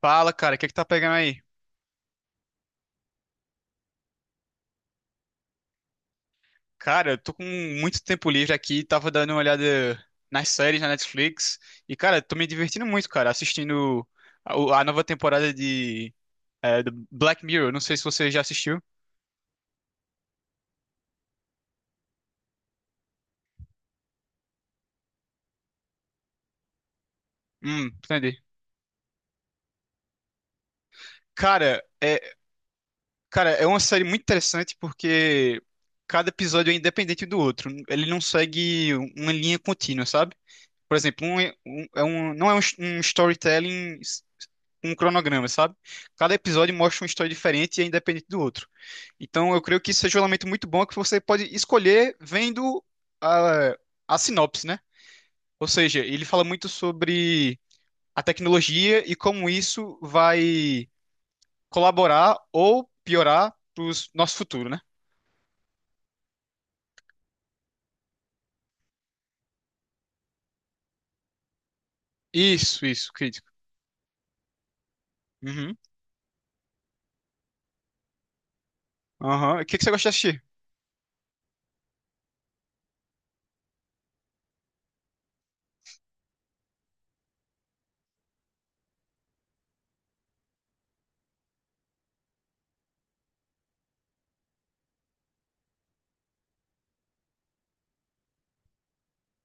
Fala, cara, o que é que tá pegando aí? Cara, eu tô com muito tempo livre aqui, tava dando uma olhada nas séries na Netflix e, cara, tô me divertindo muito, cara, assistindo a nova temporada do Black Mirror. Não sei se você já assistiu. Entendi. Cara, é, cara, é uma série muito interessante porque cada episódio é independente um do outro. Ele não segue uma linha contínua, sabe? Por exemplo, um- é um, não é um, um storytelling, um cronograma, sabe? Cada episódio mostra uma história diferente e é independente do outro. Então, eu creio que isso seja um elemento muito bom que você pode escolher vendo a, a sinopse, né? Ou seja, ele fala muito sobre a tecnologia e como isso vai colaborar ou piorar para o nosso futuro, né? Isso, crítico. Uhum. Aham. O que que você gosta de assistir?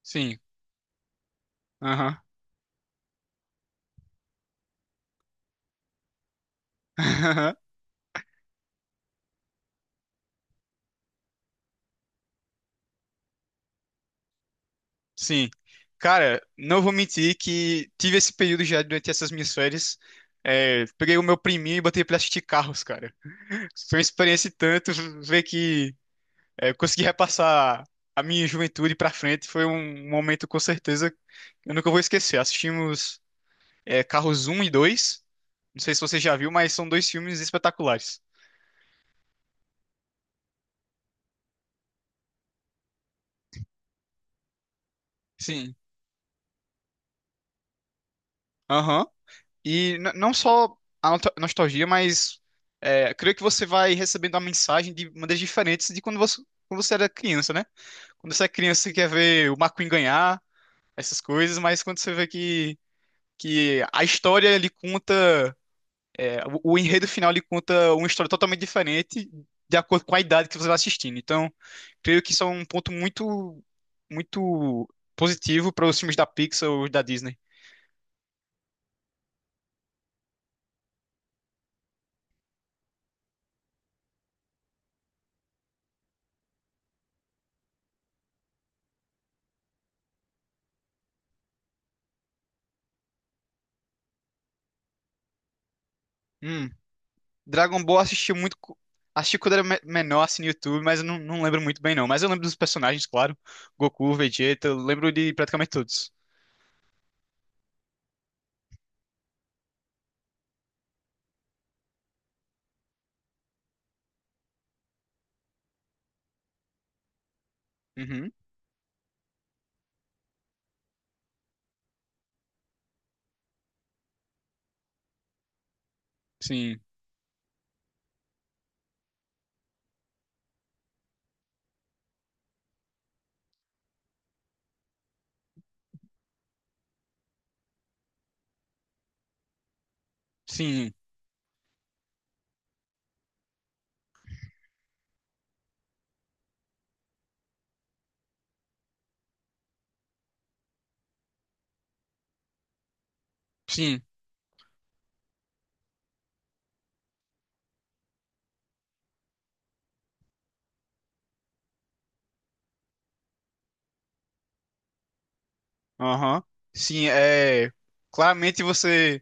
Sim. Aham. Sim. Cara, não vou mentir que tive esse período já durante essas minhas férias. É, peguei o meu priminho e botei pra assistir carros, cara. Foi uma experiência e tanto ver que eu consegui repassar a minha juventude pra frente. Foi um momento com certeza que eu nunca vou esquecer. Assistimos Carros 1 e 2. Não sei se você já viu, mas são dois filmes espetaculares. Sim. Aham. E não só a nostalgia, mas creio que você vai recebendo a mensagem de maneiras diferentes de quando você era criança, né? Quando você é criança, você quer ver o McQueen ganhar, essas coisas, mas quando você vê que a história ele conta, o enredo final ele conta uma história totalmente diferente de acordo com a idade que você vai assistindo. Então, creio que isso é um ponto muito positivo para os filmes da Pixar ou da Disney. Dragon Ball eu assisti muito. Assisti quando era menor, assim, no YouTube, mas eu não, não lembro muito bem, não. Mas eu lembro dos personagens, claro. Goku, Vegeta, eu lembro de praticamente todos. Uhum. Sim. Sim. Sim. Aham. Sim, é. Claramente você.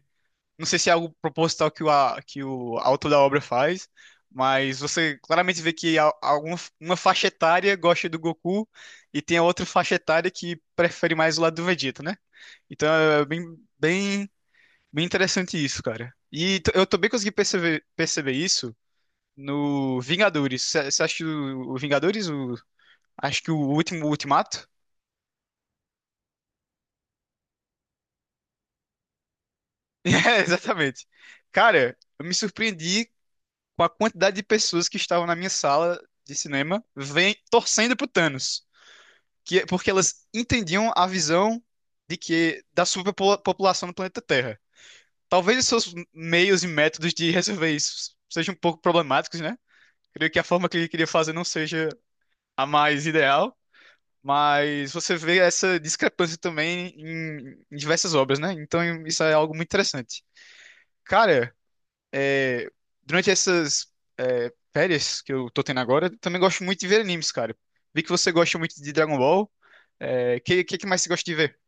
Não sei se é algo proposital que que o autor da obra faz, mas você claramente vê que alguma uma faixa etária gosta do Goku e tem a outra faixa etária que prefere mais o lado do Vegeta, né? Então é bem interessante isso, cara. E eu também consegui perceber isso no Vingadores. Você acha que o Vingadores? Acho que o último Ultimato? É, exatamente. Cara, eu me surpreendi com a quantidade de pessoas que estavam na minha sala de cinema vem, torcendo pro Thanos. Porque elas entendiam a visão de que da superpopulação no planeta Terra. Talvez os seus meios e métodos de resolver isso sejam um pouco problemáticos, né? Creio que a forma que ele queria fazer não seja a mais ideal, mas você vê essa discrepância também em diversas obras, né? Então isso é algo muito interessante. Cara, é, durante essas férias que eu tô tendo agora, eu também gosto muito de ver animes, cara. Vi que você gosta muito de Dragon Ball. Que mais você gosta de ver?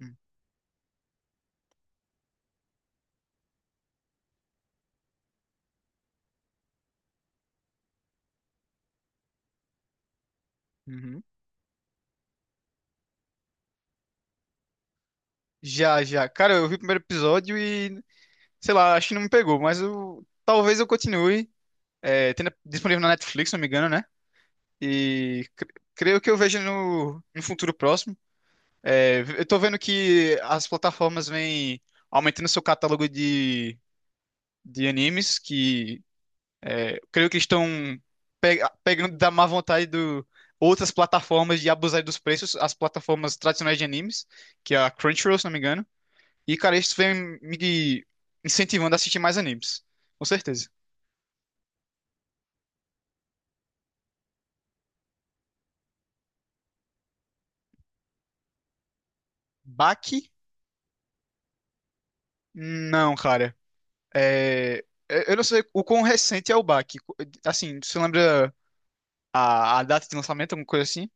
Hum, uhum. Já, já. Cara, eu vi o primeiro episódio e, sei lá, acho que não me pegou, mas talvez eu continue. É, tem disponível na Netflix, se não me engano, né? E creio que eu vejo no futuro próximo. É, eu tô vendo que as plataformas vêm aumentando seu catálogo de animes, que creio que estão pegando da má vontade do outras plataformas de abusar dos preços, as plataformas tradicionais de animes, que é a Crunchyroll, se não me engano. E, cara, isso vem me incentivando a assistir mais animes, com certeza. Baki? Não, cara. É, é, eu não sei o quão recente é o baque. Assim, você lembra a data de lançamento, alguma coisa assim?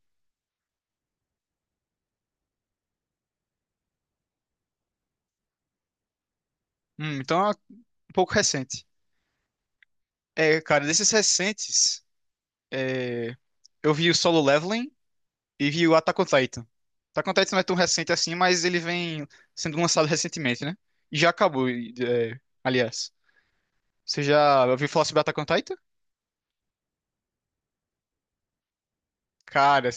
Então é um pouco recente. É, cara, desses recentes, é, eu vi o Solo Leveling e vi o Attack on Titan. Attack on Titan não é tão recente assim, mas ele vem sendo lançado recentemente, né? E já acabou, e, é, aliás. Você já ouviu falar sobre Attack on Titan? Cara,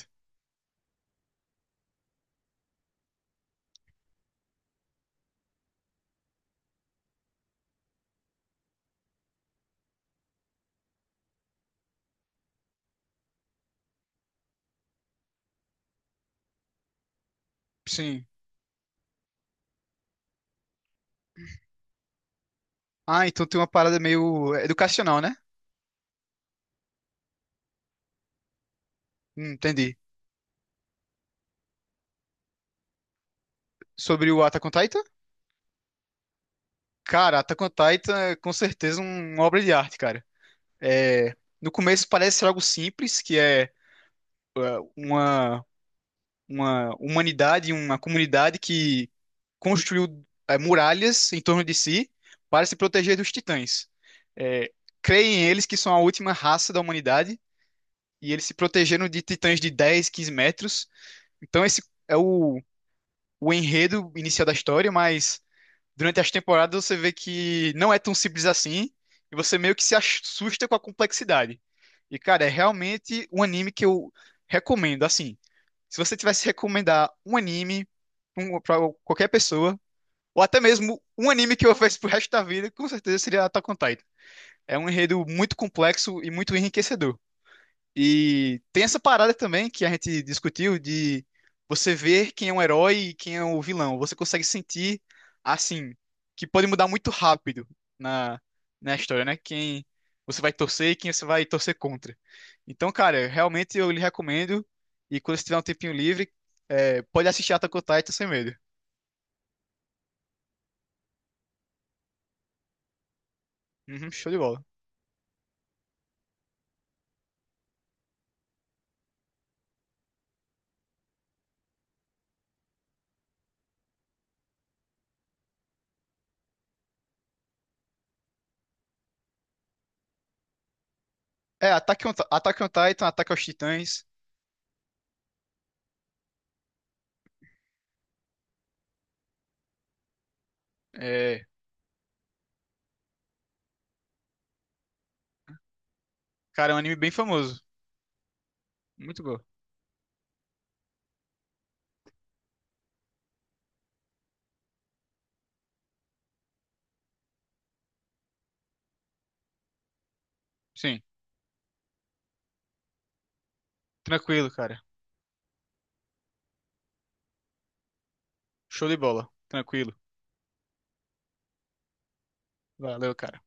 sim. Ah, então tem uma parada meio educacional, né? Entendi. Sobre o Attack on Titan? Cara, Attack on Titan é com certeza uma obra de arte, cara. É, no começo parece ser algo simples, que é uma, uma humanidade, uma comunidade que construiu muralhas em torno de si para se proteger dos titãs. É, creem eles que são a última raça da humanidade e eles se protegeram de titãs de 10, 15 metros. Então esse é o enredo inicial da história, mas durante as temporadas você vê que não é tão simples assim e você meio que se assusta com a complexidade. E, cara, é realmente um anime que eu recomendo. Assim, se você tivesse que recomendar um anime para qualquer pessoa, ou até mesmo um anime que eu faço pro resto da vida, com certeza seria Attack on Titan. É um enredo muito complexo e muito enriquecedor. E tem essa parada também que a gente discutiu de você ver quem é um herói e quem é o vilão. Você consegue sentir, assim, que pode mudar muito rápido na, na história, né? Quem você vai torcer e quem você vai torcer contra. Então, cara, realmente eu lhe recomendo. E quando você tiver um tempinho livre, é, pode assistir Attack on Titan sem medo. Uhum, show de bola. É, Attack on Titan, Ataque aos Titãs. É, cara, é um anime bem famoso. Muito bom. Sim, tranquilo, cara. Show de bola. Tranquilo. Valeu, cara.